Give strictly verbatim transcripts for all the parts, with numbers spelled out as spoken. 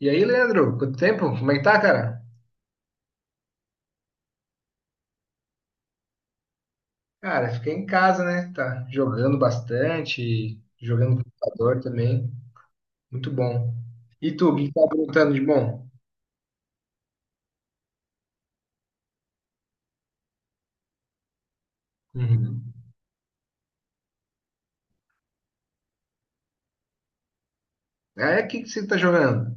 E aí, Leandro, quanto tempo? Como é que tá, cara? Cara, fiquei em casa, né? Tá jogando bastante, jogando no computador também. Muito bom. E tu, o que tá perguntando de bom? Uhum. É, o que que você tá jogando?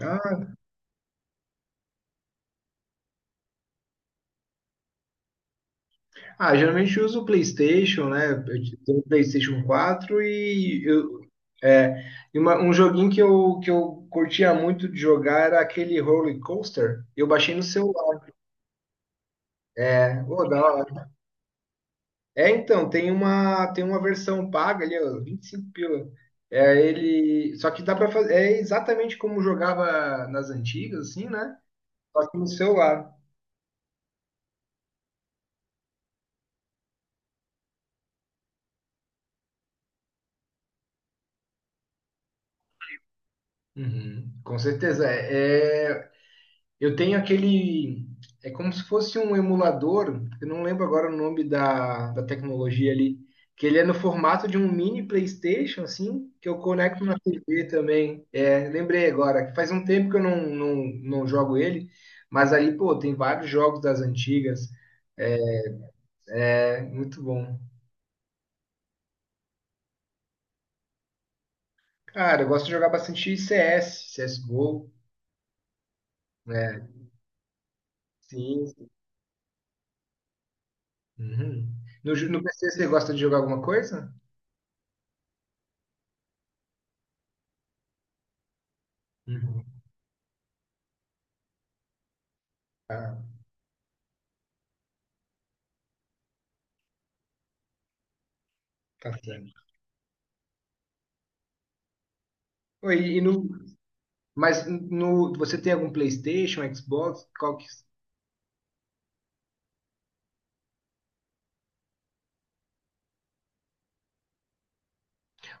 Ah, ah, geralmente eu uso o PlayStation, né? Eu tenho o PlayStation quatro e eu, é, e uma- um joguinho que eu, que eu curtia muito de jogar era aquele Roller Coaster. Eu baixei no celular, né? Ô, da hora. É, então, tem uma, tem uma versão paga ali, ó, vinte e cinco pila. É ele, só que dá para fazer, é exatamente como jogava nas antigas, assim, né? Só que no celular. Uhum, com certeza. É, é Eu tenho aquele. É como se fosse um emulador, eu não lembro agora o nome da, da tecnologia ali, que ele é no formato de um mini PlayStation, assim, que eu conecto na T V também. É, lembrei agora, que faz um tempo que eu não, não, não jogo ele, mas ali, pô, tem vários jogos das antigas, é é muito bom. Cara, eu gosto de jogar bastante C S, C S G O, né? Sim. Uhum. No, ju- no P C você gosta de jogar alguma coisa? Uhum. Tá, tá certo. Pô, E no, mas no, você tem algum PlayStation, Xbox? Qual que...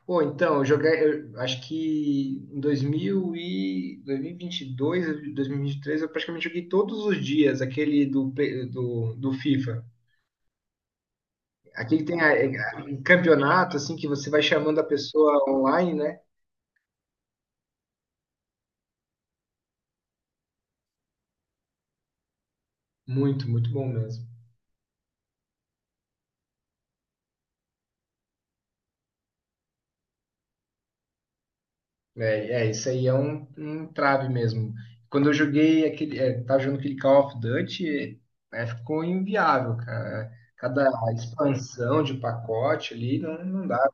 Pô, então, eu joguei, eu acho que em dois mil e vinte e vinte e dois, vinte e vinte e três, eu praticamente joguei todos os dias aquele do, play- do, do FIFA. Aqui tem a- a- um campeonato, assim, que você vai chamando a pessoa online, né? Muito, muito bom mesmo. É, é, isso aí é um, um trave mesmo. Quando eu joguei aquele, é, tava jogando aquele Call of Duty, é, ficou inviável, cara. Cada expansão de pacote ali não, não dá.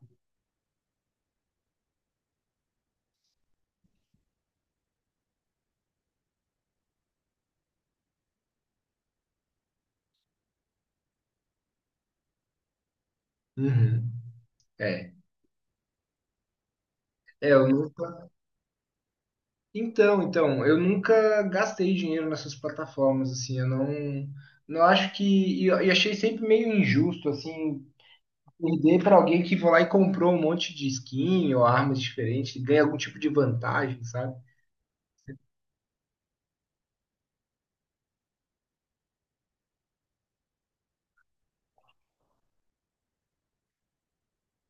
Uhum. É, é, eu nunca... Então, então, eu nunca gastei dinheiro nessas plataformas, assim, eu não, não acho que... E, eu- e achei sempre meio injusto, assim, perder para alguém que foi lá e comprou um monte de skin ou armas diferentes, ganha algum tipo de vantagem, sabe?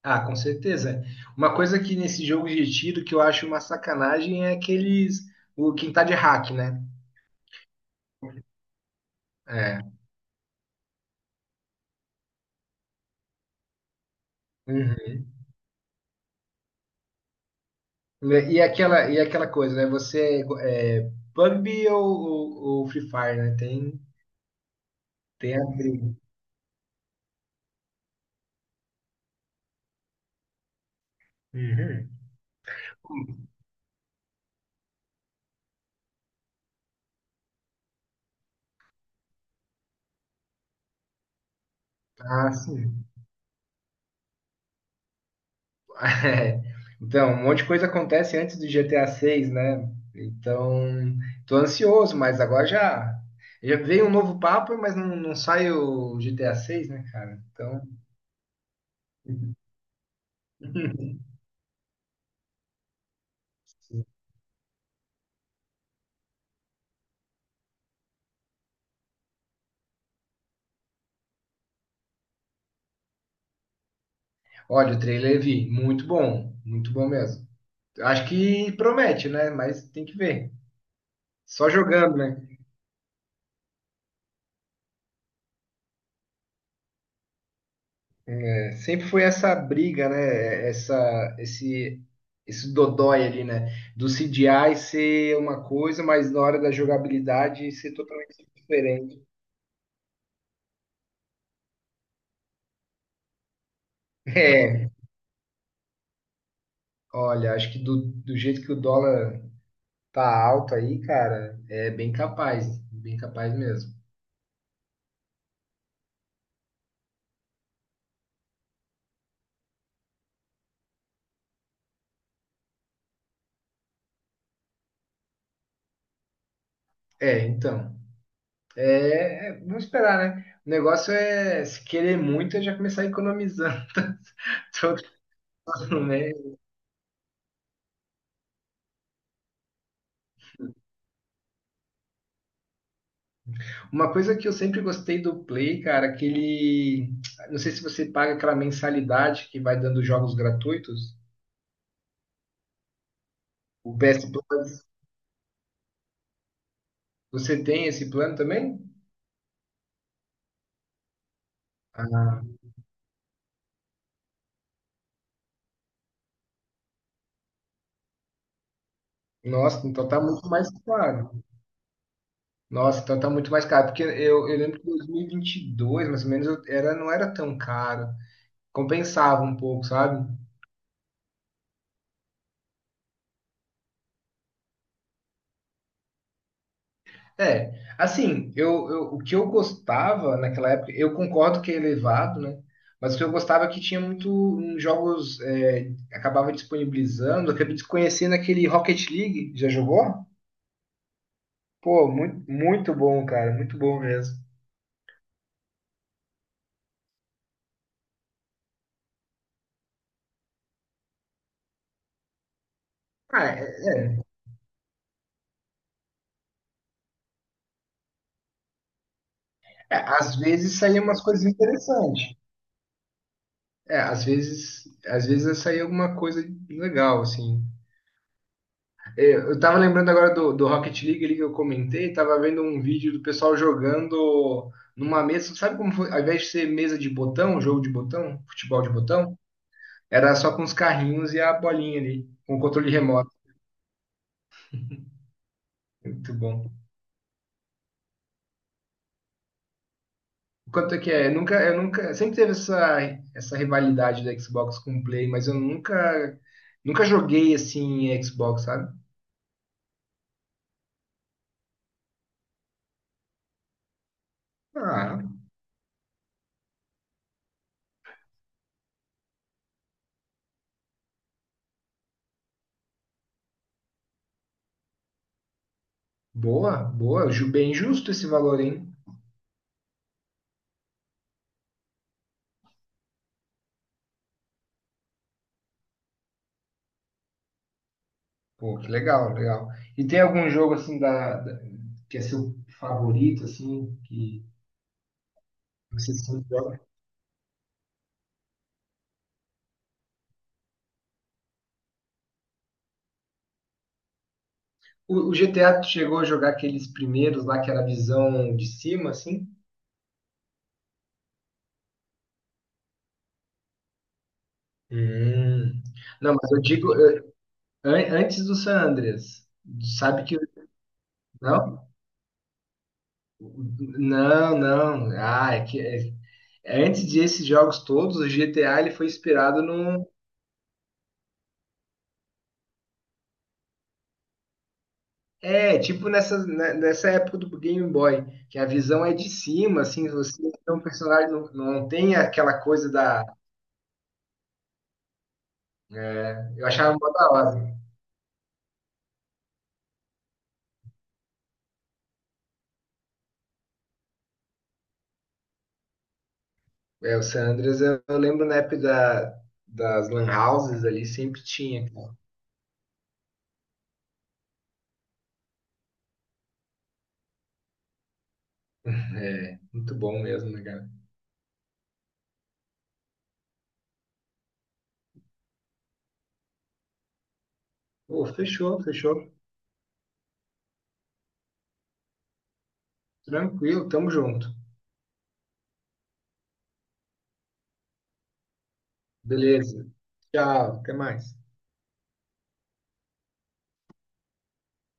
Ah, com certeza. Uma coisa que nesse jogo de tiro que eu acho uma sacanagem é aqueles. O quem tá de hack, né? É. Uhum. E aquela, e aquela coisa, né? Você é, é P U B G ou, ou, ou Free Fire, né? Tem, tem a briga. Uhum. Ah, sim. É. Então, um monte de coisa acontece antes do G T A seis, né? Então, tô ansioso, mas agora já, já veio um novo papo, mas não, não sai o G T A seis, né, cara? Então. Olha, o trailer vi, muito bom, muito bom mesmo. Acho que promete, né? Mas tem que ver. Só jogando, né? É, sempre foi essa briga, né? Essa, esse, esse dodói ali, né? Do C G I ser uma coisa, mas na hora da jogabilidade ser totalmente diferente. É, olha, acho que do, do jeito que o dólar tá alto aí, cara, é bem capaz, bem capaz mesmo. É, então. É, é, vamos esperar, né? O negócio é, se querer muito, é já começar economizando todo ano, né? Uma coisa que eu sempre gostei do Play, cara, que ele. Não sei se você paga aquela mensalidade que vai dando jogos gratuitos. O P S Plus, você tem esse plano também? Ah, nossa, então tá muito mais caro. Nossa, então tá muito mais caro. Porque eu, eu lembro que em dois mil e vinte e dois, mais ou menos, eu- era, não era tão caro. Compensava um pouco, sabe? É, assim, eu, eu- o que eu gostava naquela época, eu concordo que é elevado, né? Mas o que eu gostava é que tinha muito um, jogos, é, acabava disponibilizando, eu acabei desconhecendo aquele Rocket League, já jogou? Pô, muito, muito bom, cara, muito bom mesmo. Ah, é- é, às vezes saía umas coisas interessantes. É, às vezes, às vezes saía alguma coisa legal, assim. Eu tava lembrando agora do, do Rocket League ali que eu comentei, tava vendo um vídeo do pessoal jogando numa mesa, sabe como foi? Ao invés de ser mesa de botão, jogo de botão, futebol de botão, era só com os carrinhos e a bolinha ali, com o controle remoto. Muito bom. Quanto é que é? Eu nunca, eu nunca, sempre teve essa, essa rivalidade da Xbox com o Play, mas eu nunca, nunca joguei assim em Xbox, sabe? Ah, boa, boa, ju- bem justo esse valor, hein? Pô, que legal, legal. E tem algum jogo assim da, da- que é seu favorito, assim, que você sempre joga? O, o G T A tu chegou a jogar aqueles primeiros lá que era a visão de cima, assim? Hum. Não, mas eu digo eu- an- antes do San Andreas. Sabe que. Não? Não, não. Ah, é que é- antes desses jogos todos, o G T A ele foi inspirado num, é, tipo nessa, né, nessa época do Game Boy, que a visão é de cima, assim, você é um personagem, não, não tem aquela coisa da, né, eu achava mó da hora. É, o San Andreas, eu, eu lembro na época da, das Lan Houses ali, sempre tinha, cara. É, muito bom mesmo, né, cara? Pô, fechou, fechou. Tranquilo, tamo junto. Beleza. Tchau, até mais.